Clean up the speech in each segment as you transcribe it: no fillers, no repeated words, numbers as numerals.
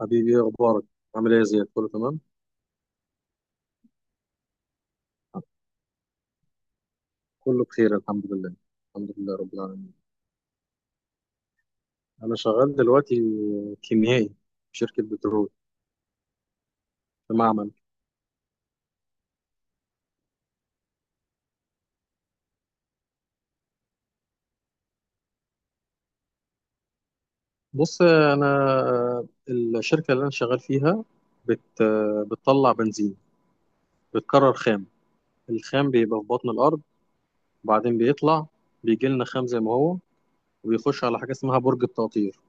حبيبي، إيه اخبارك؟ عامل ايه يا زياد؟ كله تمام؟ كله بخير، الحمد لله، الحمد لله رب العالمين. انا شغال دلوقتي كيميائي في شركه بترول، في معمل. بص، انا الشركه اللي انا شغال فيها بت بتطلع بنزين، بتكرر خام. الخام بيبقى في بطن الارض، وبعدين بيطلع، بيجي لنا خام زي ما هو، وبيخش على حاجه اسمها برج التقطير.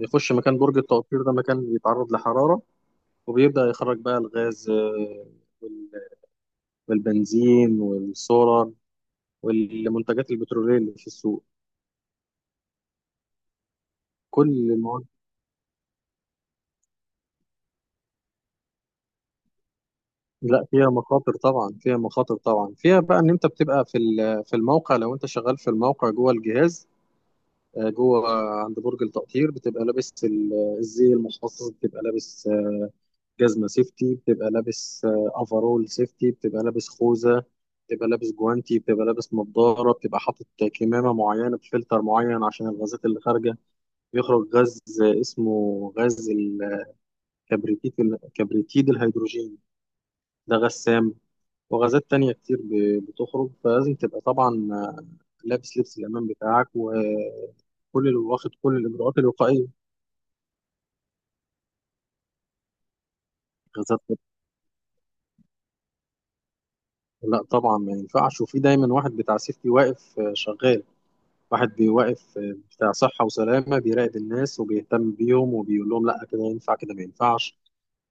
يخش مكان برج التقطير ده، مكان بيتعرض لحراره، وبيبدا يخرج بقى الغاز، وال- والبنزين والسولار والمنتجات البترولية اللي في السوق. كل المواد. لا، فيها مخاطر طبعا، فيها مخاطر طبعا، فيها بقى ان انت بتبقى في الموقع. لو انت شغال في الموقع جوه الجهاز، جوه عند برج التقطير، بتبقى لابس الزي المخصص، بتبقى لابس جزمة سيفتي، بتبقى لابس افرول سيفتي، بتبقى لابس خوذة، بتبقى لابس جوانتي، بتبقى لابس نظارة، بتبقى حاطط كمامة معينة بفلتر معين عشان الغازات اللي خارجة. بيخرج غاز، اسمه غاز كبريتيد الهيدروجين، ده غسام. وغازات تانية كتير بتخرج، فلازم تبقى طبعا لابس لبس الأمان بتاعك، وكل اللي واخد كل الإجراءات الوقائية. غازات. لا طبعا، ما ينفعش. وفي دايما واحد بتاع سيفتي واقف، شغال. واحد بيوقف، بتاع صحة وسلامة، بيراقب الناس وبيهتم بيهم وبيقول لهم: لا كده ينفع، كده ما ينفعش.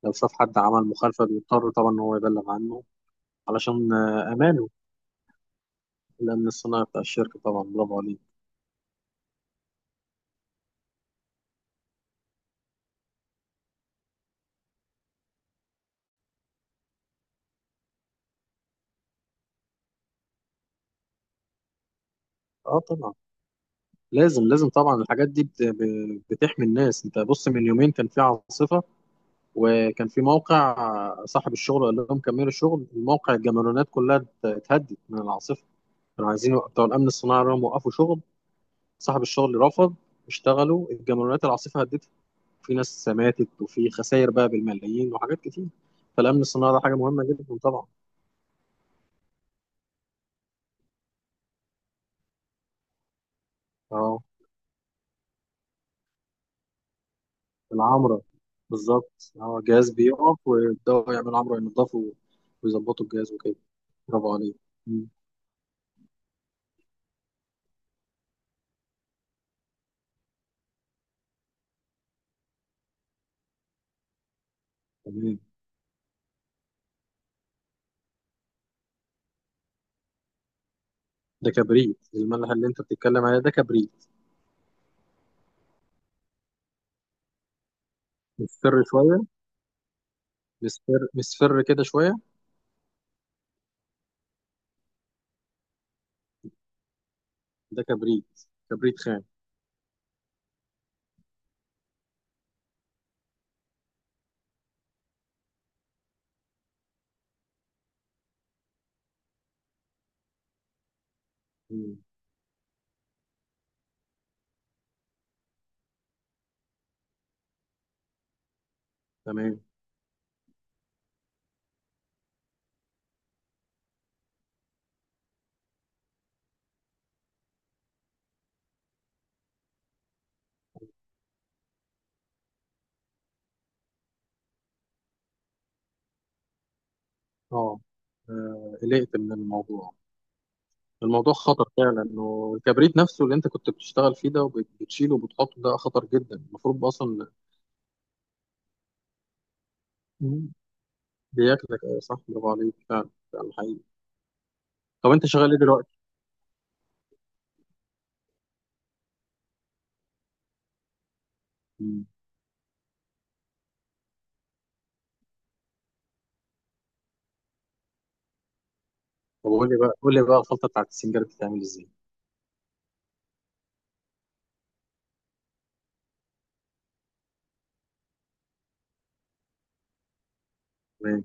لو شاف حد عمل مخالفة بيضطر طبعا إن هو يبلغ عنه، علشان أمانه. الأمن الصناعي بتاع الشركة، طبعا، برافو عليك. اه طبعا، لازم لازم طبعا الحاجات دي بتحمي الناس. انت بص، من يومين كان في عاصفة، وكان في موقع، صاحب الشغل قال لهم: كملوا الشغل. الموقع الجمالونات كلها اتهدت من العاصفة. كانوا عايزين بتوع الأمن الصناعي راهم وقفوا شغل. صاحب الشغل رفض، اشتغلوا، الجمالونات العاصفة هدتها، في ناس ماتت وفي خسائر بقى بالملايين وحاجات كتير. فالأمن الصناعي ده حاجة مهمة جدا طبعا. اه، العمرة، بالظبط. اه، الجهاز بيقف ويبدأوا يعملوا عمرة، ينضفوا ويظبطوا الجهاز وكده. برافو عليك. مم. تمام. ده كبريت. الملح اللي انت بتتكلم عليه ده كبريت. مصفر شويه، مصفر مصفر كده شويه. ده كبريت، كبريت خام. مم. تمام. اه، قلقت من الموضوع. الموضوع خطر فعلا، انه الكبريت نفسه اللي انت كنت بتشتغل فيه ده وبتشيله وبتحطه، ده خطر جدا، المفروض اصلا. مم. بياكلك، ايوه صح، برافو عليك فعلا، فعلا حقيقي. طب انت شغال ايه دلوقتي؟ مم. طب قول لي بقى الخلطه بتاعت السنجارة بتتعمل ازاي؟ تمام.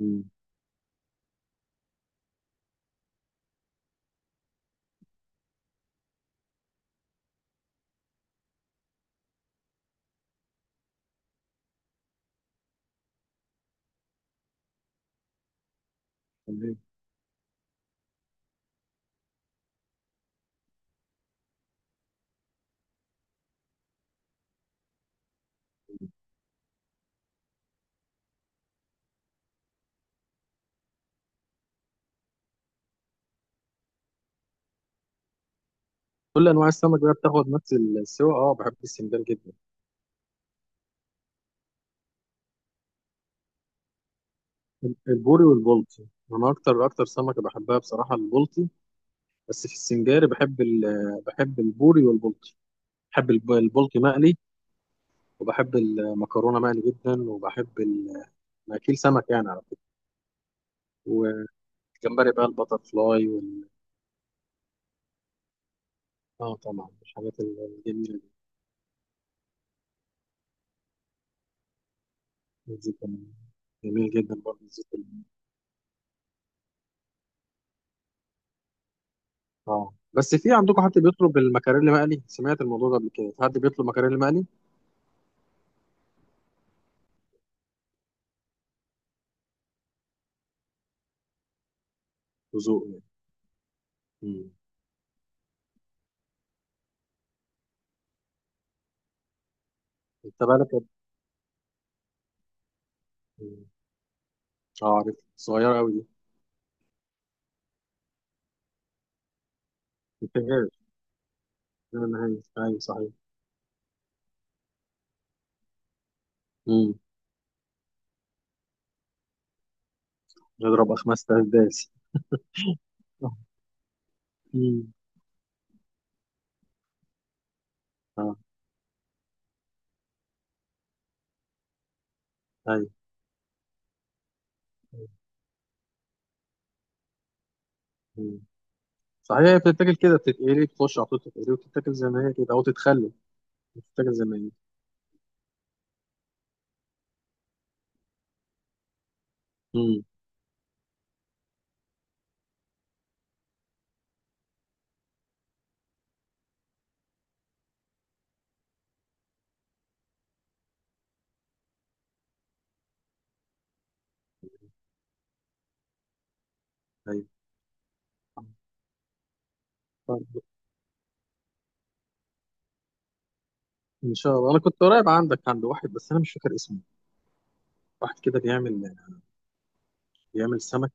مم. تمام. كل انواع السمك بقى بتاخد نفس السوا. اه، بحب السنجال جدا. البوري والبلطي، انا اكتر اكتر سمكه بحبها بصراحه البلطي. بس في السنجاري بحب البوري والبلطي. بحب البلطي مقلي. وبحب المكرونه مقلي جدا، وبحب أنا اكيل سمك يعني، على فكره. والجمبري بقى، البتر فلاي اه طبعا، الحاجات الجميله دي. والزيت كمان. جميل جدا، برضه الزيت كمان. اه، بس في عندكم حد بيطلب المكاريلي مقلي؟ سمعت الموضوع ده قبل كده، حد بيطلب مكاريلي مقلي. وذوق يعني. مم. انت بالك قد إيه؟ اه، عارف، صغيرة أوي دي. مفيهاش لا نهاية، أيوة صحيح. امم. نضرب أخماس أسداس. امم. اه. أيوه. مم. صحيح، هي بتتاكل كده، بتتقلي تخش على طول تتقلي وتتاكل زي ما هي كده، أو تتخلل. بتتاكل زي ما هي. امم. أيوه. طب إن شاء الله. أنا كنت قريب عندك، عند واحد، بس أنا مش فاكر اسمه. واحد كده بيعمل. بيعمل سمك.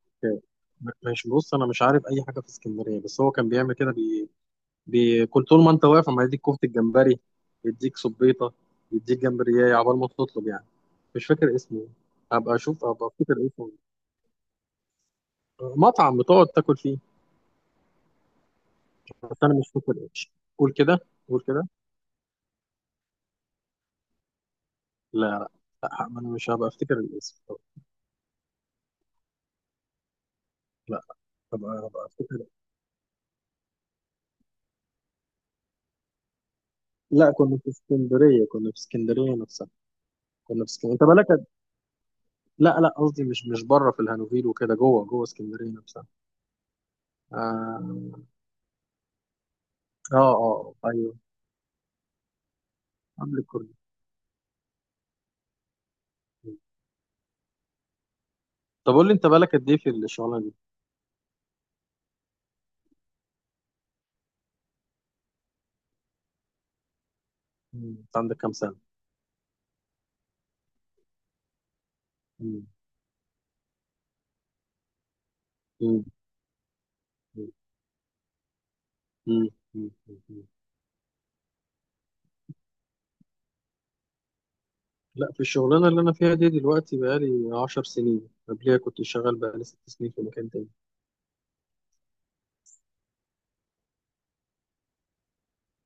مش بص، أنا مش عارف أي حاجة في اسكندرية، بس هو كان بيعمل كده. كنت طول ما انت واقف عم يديك كفتة الجمبري، يديك صبيطة، يديك جمبرية عبال ما تطلب يعني. مش فاكر اسمه. هبقى اشوف، هبقى افتكر اسمه. مطعم بتقعد تاكل فيه. بس انا مش فاكر ايش. قول كده، قول كده. لا لا. لا، انا مش هبقى افتكر الاسم. لا، هبقى افتكر. لا، كنا في اسكندريه، كنا في اسكندريه نفسها. كنا في اسكندريه. انت بالك لا لا، قصدي مش بره في الهانوفيل وكده، جوه جوه اسكندريه نفسها. اه. اه، آه، ايوه. قبل الكورنيش. طب قول لي، انت بقالك قد ايه في الشغلانه دي؟ مم. انت عندك كام سنه؟ مم. مم. مم. مم. مم. مم. لا، في الشغلانه اللي انا فيها دي دلوقتي بقالي 10 سنين. قبليها كنت شغال بقالي 6 سنين في مكان تاني.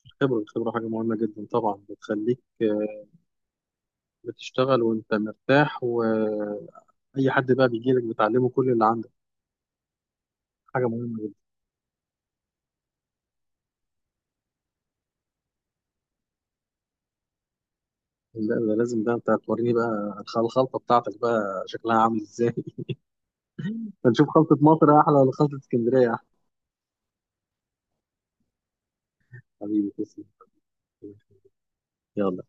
الخبره، الخبره حاجه مهمه جدا طبعا، بتخليك بتشتغل وانت مرتاح. واي حد بقى بيجي لك بتعلمه كل اللي عندك. حاجه مهمه جدا. لا، ده لازم بقى، انت هتوريني بقى الخلطه بتاعتك بقى شكلها عامل ازاي. هنشوف خلطه مصر احلى ولا خلطه اسكندريه احلى. حبيبي تسلم. يلا.